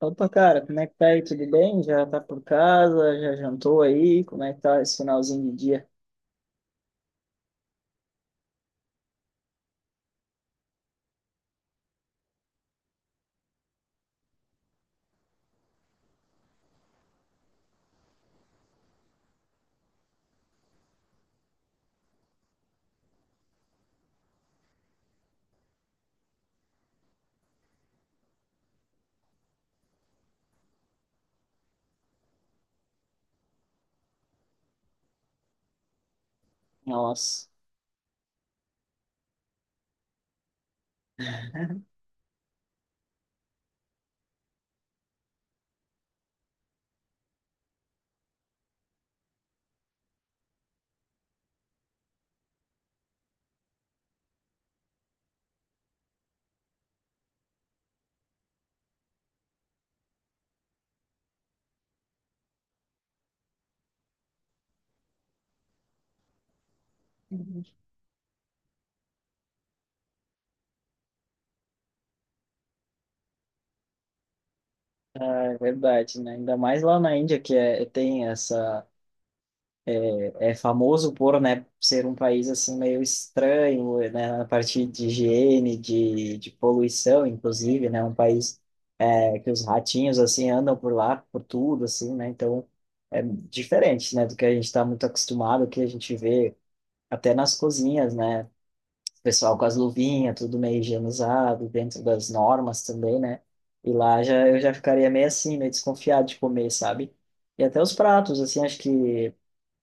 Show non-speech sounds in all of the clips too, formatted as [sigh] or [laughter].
Opa, cara, como é que tá aí? Tudo bem? Já tá por casa? Já jantou aí? Como é que tá esse finalzinho de dia? Nossa. [laughs] Ah, é verdade, né? Ainda mais lá na Índia, tem essa. É famoso por, né, ser um país assim meio estranho, né, na parte de higiene, de poluição, inclusive, né? Um país que os ratinhos, assim, andam por lá, por tudo, assim, né? Então, é diferente, né, do que a gente está muito acostumado, que a gente vê até nas cozinhas, né? Pessoal com as luvinhas, tudo meio higienizado, dentro das normas também, né? E lá já eu já ficaria meio assim, meio desconfiado de comer, sabe? E até os pratos, assim, acho que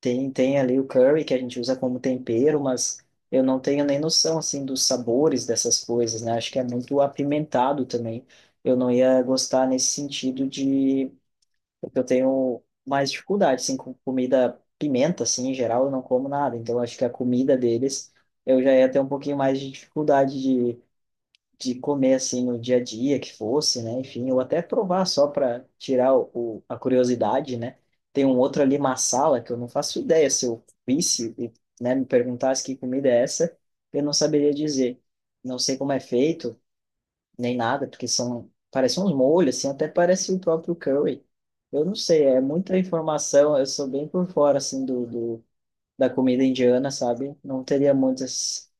tem ali o curry que a gente usa como tempero, mas eu não tenho nem noção assim dos sabores dessas coisas, né? Acho que é muito apimentado também. Eu não ia gostar nesse sentido de porque eu tenho mais dificuldade, assim, com comida pimenta, assim, em geral, eu não como nada. Então, acho que a comida deles, eu já ia ter um pouquinho mais de dificuldade de comer, assim, no dia a dia que fosse, né? Enfim, ou até provar só para tirar a curiosidade, né? Tem um outro ali, massala, que eu não faço ideia. Se eu visse né, me perguntasse que comida é essa, eu não saberia dizer. Não sei como é feito, nem nada, porque são, parecem uns molhos, assim, até parece o próprio curry. Eu não sei, é muita informação, eu sou bem por fora, assim, da comida indiana, sabe? Não teria muitas,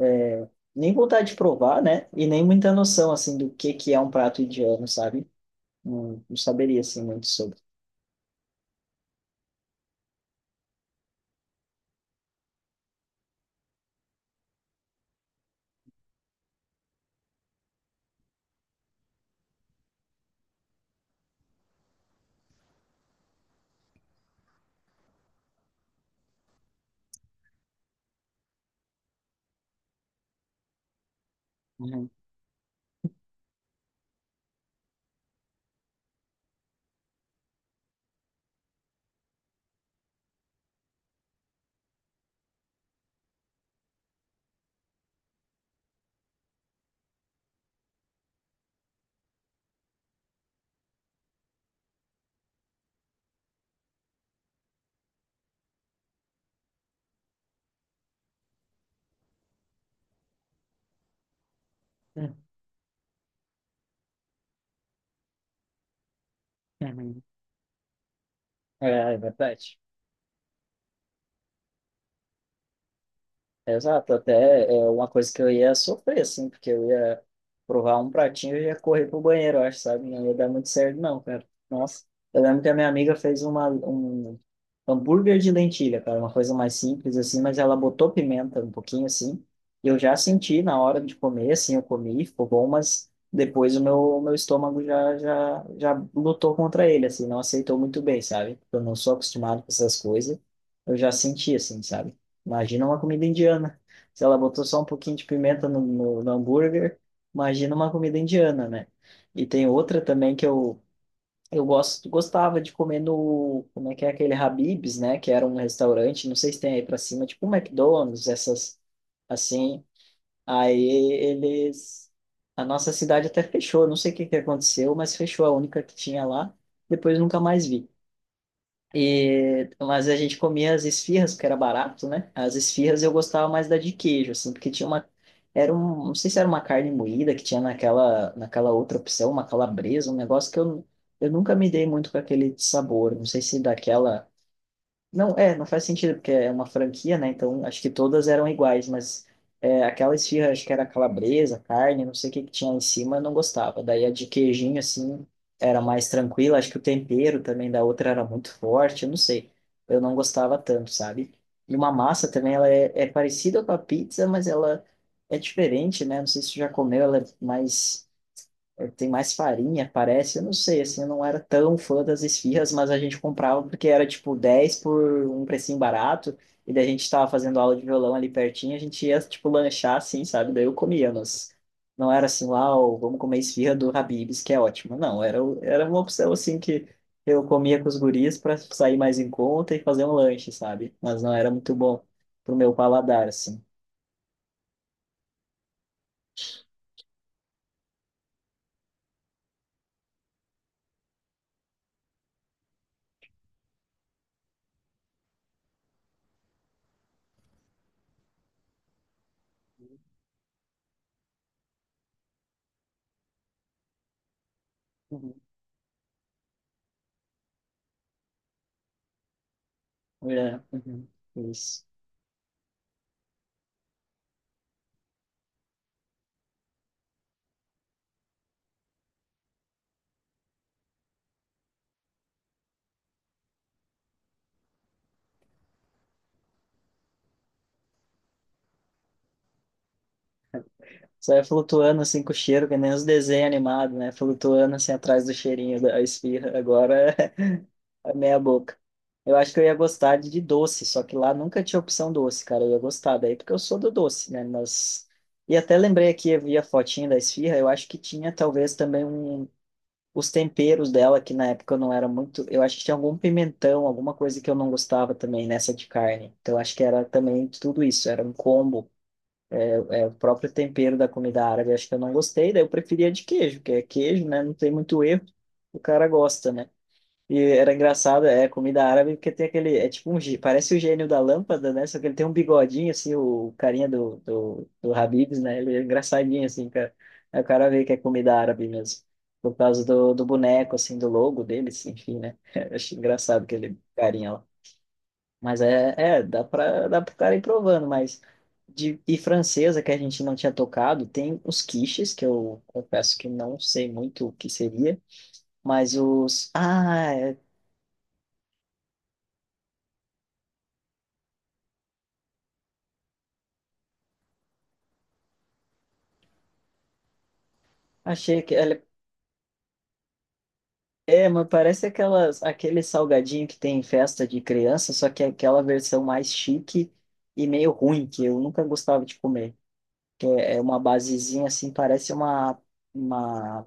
é, nem vontade de provar, né? E nem muita noção, assim, do que é um prato indiano, sabe? Não saberia, assim, muito sobre. Uhum. Uhum. É, é verdade. Exato, até é uma coisa que eu ia sofrer, assim, porque eu ia provar um pratinho e ia correr pro banheiro, eu acho, sabe? Não ia dar muito certo, não, cara. Nossa, eu lembro que a minha amiga fez um hambúrguer de lentilha, cara, uma coisa mais simples, assim, mas ela botou pimenta um pouquinho, assim, e eu já senti na hora de comer, assim, eu comi, ficou bom, mas depois o meu estômago já lutou contra ele, assim, não aceitou muito bem, sabe? Eu não sou acostumado com essas coisas, eu já senti, assim, sabe? Imagina uma comida indiana. Se ela botou só um pouquinho de pimenta no hambúrguer, imagina uma comida indiana, né? E tem outra também que eu gostava de comer no, como é que é aquele Habib's, né? Que era um restaurante, não sei se tem aí pra cima, tipo um McDonald's, essas assim. Aí eles, a nossa cidade até fechou, não sei o que que aconteceu, mas fechou a única que tinha lá. Depois nunca mais vi. E, mas a gente comia as esfirras, porque era barato, né? As esfirras eu gostava mais da de queijo, assim, porque tinha uma. Era um, não sei se era uma carne moída que tinha naquela outra opção, uma calabresa, um negócio que eu nunca me dei muito com aquele sabor. Não sei se daquela não, é, não faz sentido, porque é uma franquia, né? Então, acho que todas eram iguais, mas é, aquela esfirra, acho que era calabresa, carne, não sei o que que tinha lá em cima, eu não gostava. Daí a de queijinho, assim, era mais tranquila. Acho que o tempero também da outra era muito forte, eu não sei. Eu não gostava tanto, sabe? E uma massa também, é parecida com a pizza, mas ela é diferente, né? Não sei se você já comeu, ela é mais é, tem mais farinha, parece. Eu não sei, assim, eu não era tão fã das esfirras, mas a gente comprava porque era tipo 10 por um precinho barato. E daí a gente tava fazendo aula de violão ali pertinho, a gente ia, tipo, lanchar assim, sabe? Daí eu comia, mas não era assim, uau, vamos comer esfirra do Habib's, que é ótimo. Não, era, o- era uma opção assim que eu comia com os guris para sair mais em conta e fazer um lanche, sabe? Mas não era muito bom pro meu paladar, assim. Uhum. É, uhum, isso. Você vai flutuando assim com o cheiro, que nem os desenhos animados, né? Flutuando assim atrás do cheirinho da esfirra. Agora [laughs] é meia boca. Eu acho que eu ia gostar de doce, só que lá nunca tinha opção doce, cara. Eu ia gostar daí porque eu sou do doce, né? Mas. E até lembrei aqui, eu vi a fotinha da esfirra, eu acho que tinha talvez também um... os temperos dela, que na época eu não era muito. Eu acho que tinha algum pimentão, alguma coisa que eu não gostava também nessa de carne. Então eu acho que era também tudo isso, era um combo. O próprio tempero da comida árabe, acho que eu não gostei, daí eu preferia de queijo, que é queijo, né? Não tem muito erro, o cara gosta, né? E era engraçado, é comida árabe, porque tem aquele, é tipo um, gê- parece o gênio da lâmpada, né? Só que ele tem um bigodinho, assim, o carinha do Habib's, né? Ele é engraçadinho, assim, cara. Aí o cara vê que é comida árabe mesmo, por causa do boneco, assim, do logo dele, assim, enfim, né? [laughs] Eu acho engraçado aquele carinha lá. Mas é, é dá para o cara ir provando, mas de e francesa que a gente não tinha tocado, tem os quiches, que eu confesso que não sei muito o que seria, mas os ah, é, achei que ela é, mas parece aquelas aquele salgadinho que tem em festa de criança, só que é aquela versão mais chique e meio ruim que eu nunca gostava de comer, que é, é uma basezinha assim, parece uma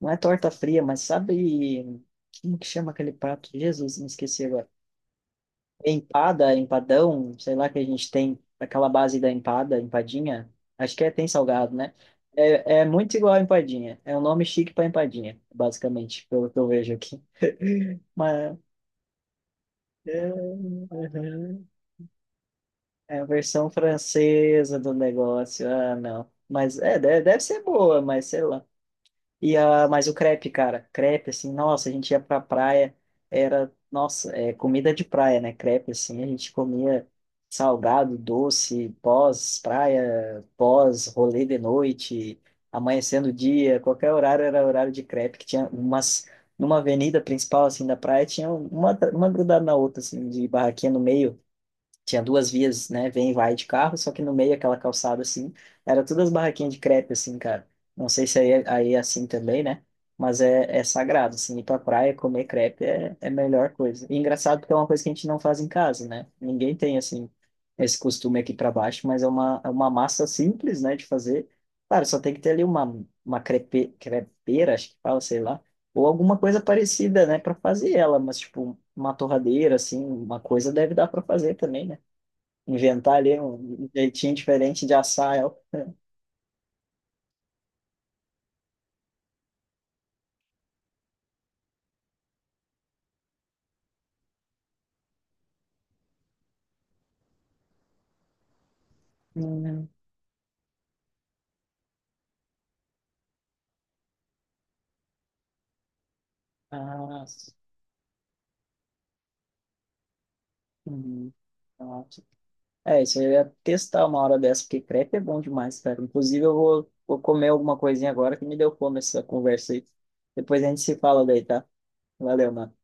não é torta fria, mas sabe como que chama aquele prato? Jesus, me esqueci agora. Empada, empadão, sei lá que a gente tem aquela base da empada, empadinha. Acho que é, tem salgado, né? É, é muito igual a empadinha. É um nome chique para empadinha, basicamente, pelo que eu vejo aqui. [laughs] Mas, é, uhum. É a versão francesa do negócio. Ah, não. Mas é, deve ser boa, mas sei lá. E a, mas o crepe, cara, crepe, assim, nossa, a gente ia pra praia, era, nossa, é comida de praia, né? Crepe, assim, a gente comia salgado, doce, pós-praia, pós-rolê de noite, amanhecendo o dia, qualquer horário era horário de crepe, que tinha umas, numa avenida principal, assim, da praia, tinha uma grudada na outra, assim, de barraquinha no meio, tinha duas vias, né? Vem e vai de carro, só que no meio aquela calçada assim, era todas barraquinhas de crepe assim, cara. Não sei se aí, é- aí é assim também, né? Mas é, é sagrado, assim, ir pra praia comer crepe é, é a melhor coisa. E engraçado porque é uma coisa que a gente não faz em casa, né? Ninguém tem, assim, esse costume aqui para baixo, mas é uma massa simples, né, de fazer. Claro, só tem que ter ali uma crepe, crepeira, acho que fala, sei lá, ou alguma coisa parecida, né, para fazer ela, mas tipo, uma torradeira, assim, uma coisa deve dar para fazer também, né? Inventar ali um jeitinho diferente de assar ela. Hum, nossa. Hum, nossa. É, isso aí eu ia testar uma hora dessa, porque crepe é bom demais, cara. Inclusive, vou comer alguma coisinha agora que me deu fome essa conversa aí. Depois a gente se fala daí, tá? Valeu, mano.